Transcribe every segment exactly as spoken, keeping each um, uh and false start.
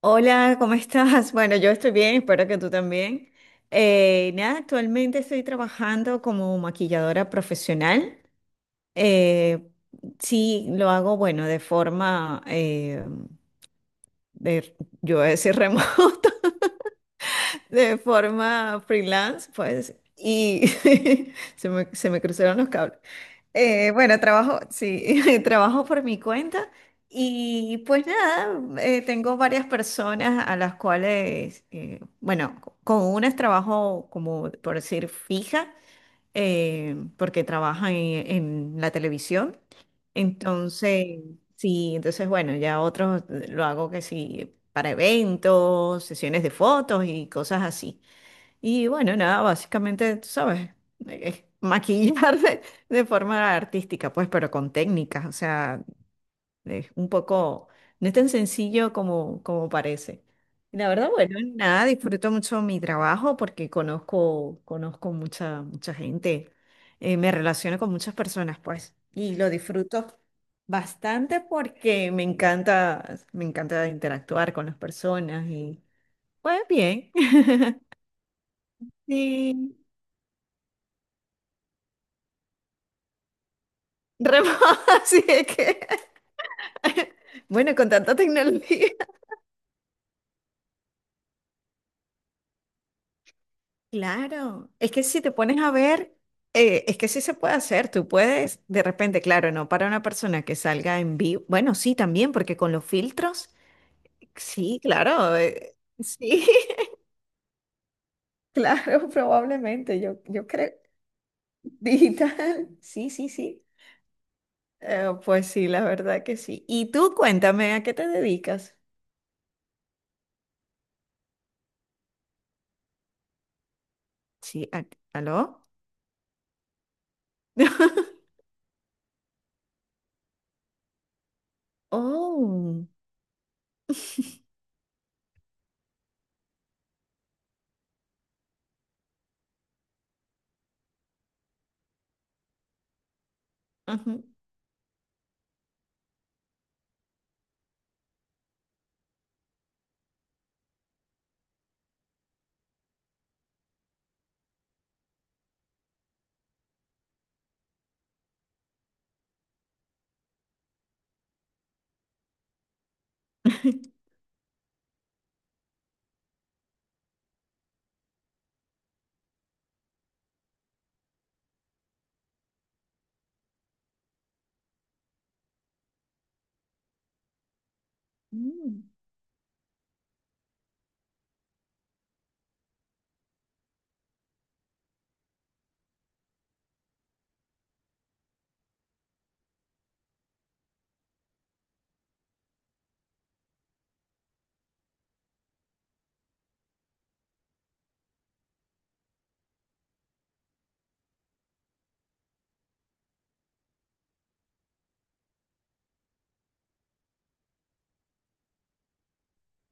Hola, ¿cómo estás? Bueno, yo estoy bien, espero que tú también. Eh, nada, actualmente estoy trabajando como maquilladora profesional. Eh, sí, lo hago, bueno, de forma, eh, de, yo voy a decir remota, de forma freelance, pues, y se me, se me cruzaron los cables. Eh, bueno, trabajo, sí, trabajo por mi cuenta y pues nada, eh, tengo varias personas a las cuales, eh, bueno, co- con unas trabajo como por decir fija, eh, porque trabajan en, en la televisión. Entonces, sí, entonces bueno, ya otros eh, lo hago que sí, para eventos, sesiones de fotos y cosas así. Y bueno, nada, básicamente, tú sabes, es maquillar de, de forma artística, pues, pero con técnicas, o sea, es un poco, no es tan sencillo como, como parece. Y la verdad, bueno, nada, disfruto mucho mi trabajo porque conozco, conozco mucha, mucha gente, eh, me relaciono con muchas personas, pues, y lo disfruto bastante porque me encanta, me encanta interactuar con las personas y, pues, bien. Sí. Remoto, así es que, bueno, con tanta tecnología. Claro, es que si te pones a ver, eh, es que sí se puede hacer, tú puedes, de repente, claro, no para una persona que salga en vivo, bueno, sí, también, porque con los filtros, sí, claro, eh, sí, claro, probablemente, yo, yo creo, digital, sí, sí, sí. Eh, pues sí, la verdad que sí. Y tú cuéntame, ¿a qué te dedicas? Sí, a- ¿aló? Oh, ujú. Mm.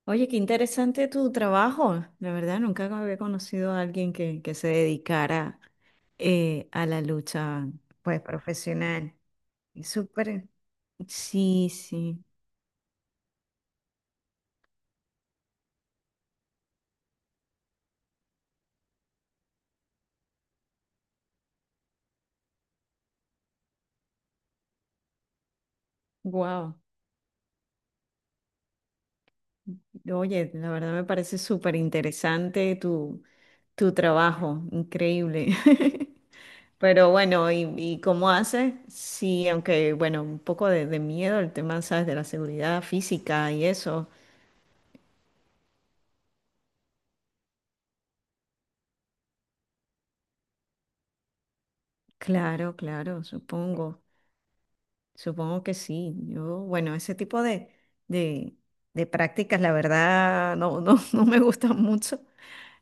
Oye, qué interesante tu trabajo. La verdad, nunca había conocido a alguien que, que se dedicara eh, a la lucha, pues, profesional. Es súper. Sí, sí. Wow. Oye, la verdad me parece súper interesante tu, tu trabajo. Increíble. Pero bueno, ¿y, y cómo haces? Sí, aunque, bueno, un poco de, de miedo el tema, ¿sabes? De la seguridad física y eso. Claro, claro, supongo. Supongo que sí. Yo, bueno, ese tipo de, de, de prácticas, la verdad, no, no, no me gustan mucho.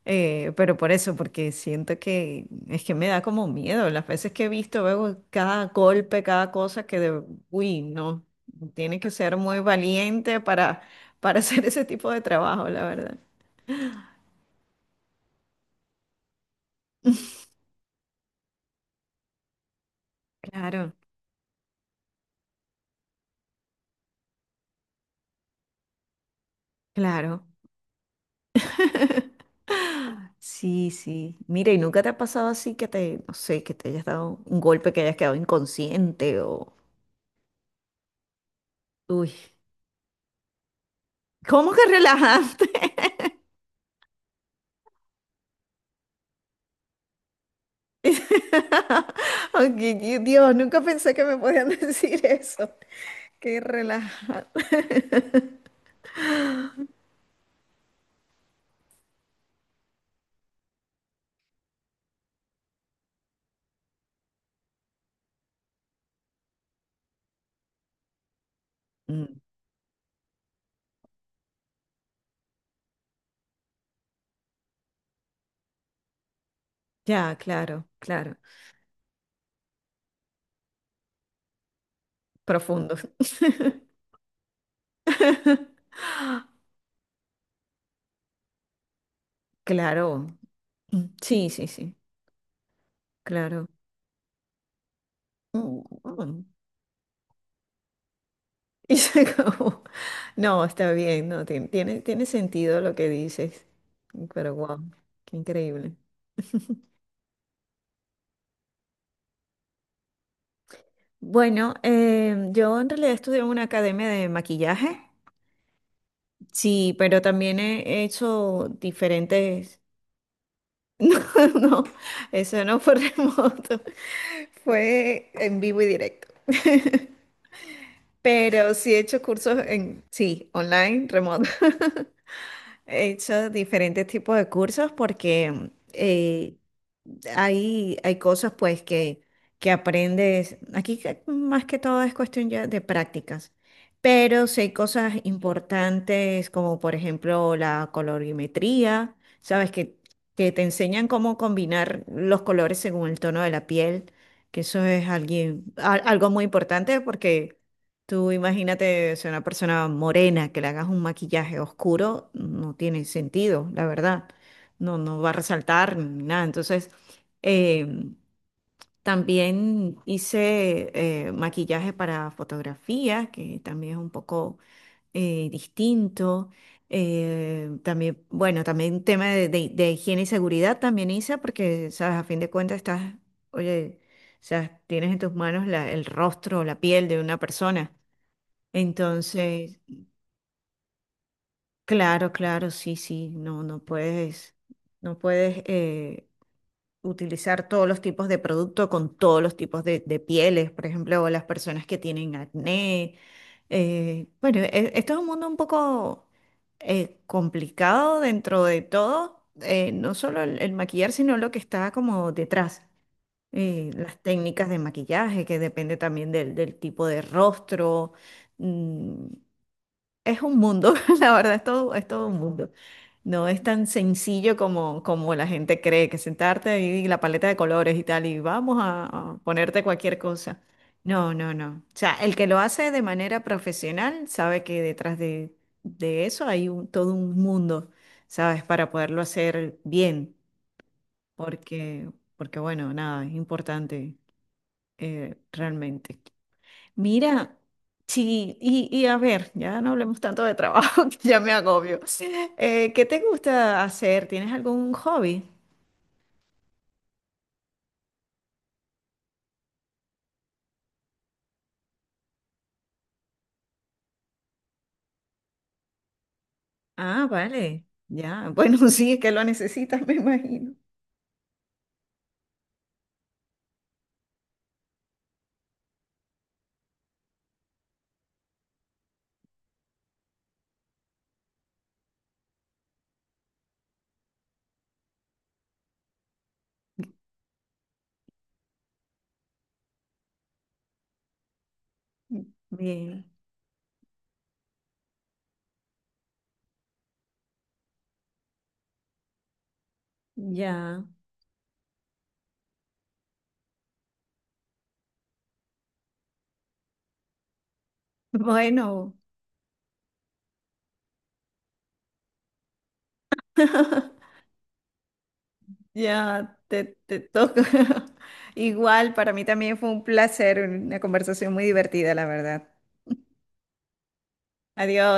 Eh, pero por eso, porque siento que es que me da como miedo. Las veces que he visto, veo cada golpe, cada cosa que de, uy, no, tiene que ser muy valiente para, para hacer ese tipo de trabajo, la verdad. Claro, claro. Sí, sí. Mira, ¿y nunca te ha pasado así que te, no sé, que te hayas dado un golpe, que hayas quedado inconsciente o... Uy, ¿cómo que relajante? Ay, qué- Dios, nunca pensé que me podían decir eso. Qué relajante. Mm, ya, claro, claro. Profundo. Claro. Mm, sí, sí, sí. Claro. Mm, mm. Y se acabó. No, está bien, no, tien- tiene, tiene sentido lo que dices, pero wow, qué increíble. Bueno, eh, yo en realidad estudié en una academia de maquillaje, sí, pero también he hecho diferentes, no, eso no fue remoto, fue en vivo y directo. Pero sí he hecho cursos en, sí, online, remoto. He hecho diferentes tipos de cursos porque eh, hay, hay cosas pues que, que aprendes. Aquí que- más que todo es cuestión ya de prácticas. Pero sí hay cosas importantes como por ejemplo la colorimetría, ¿sabes? Que, que te enseñan cómo combinar los colores según el tono de la piel, que eso es alguien, al- algo muy importante porque tú imagínate ser una persona morena que le hagas un maquillaje oscuro, no tiene sentido, la verdad no, no va a resaltar ni nada. Entonces, em, también hice eh, maquillaje para fotografía, que también es un poco eh, distinto. Eh, también, bueno, también tema de, de- de higiene y seguridad también hice, porque, sabes, a fin de cuentas estás, oye, o sea, tienes en tus manos la- el rostro o la piel de una persona. Entonces, claro, claro, sí, sí, no, no puedes, no puedes eh, utilizar todos los tipos de producto con todos los tipos de, de pieles, por ejemplo, o las personas que tienen acné. Eh, bueno, e- esto es un mundo un poco eh, complicado dentro de todo, eh, no solo el, el maquillar, sino lo que está como detrás. Eh, las técnicas de maquillaje, que depende también del, del tipo de rostro. Mm, es un mundo, la verdad, es todo, es todo un mundo. No es tan sencillo como, como la gente cree, que sentarte ahí y la paleta de colores y tal, y vamos a, a ponerte cualquier cosa. No, no, no. O sea, el que lo hace de manera profesional sabe que detrás de, de eso hay un, todo un mundo, ¿sabes? Para poderlo hacer bien, porque, porque bueno, nada, es importante eh, realmente. Mira, sí, y, y a ver, ya no hablemos tanto de trabajo, que ya me agobio. Eh, ¿qué te gusta hacer? ¿Tienes algún hobby? Ah, vale, ya. Bueno, sí, es que lo necesitas, me imagino. Bien, ya. Bueno, ya te, te toca. Igual, para mí también fue un placer, una conversación muy divertida, la verdad. Adiós.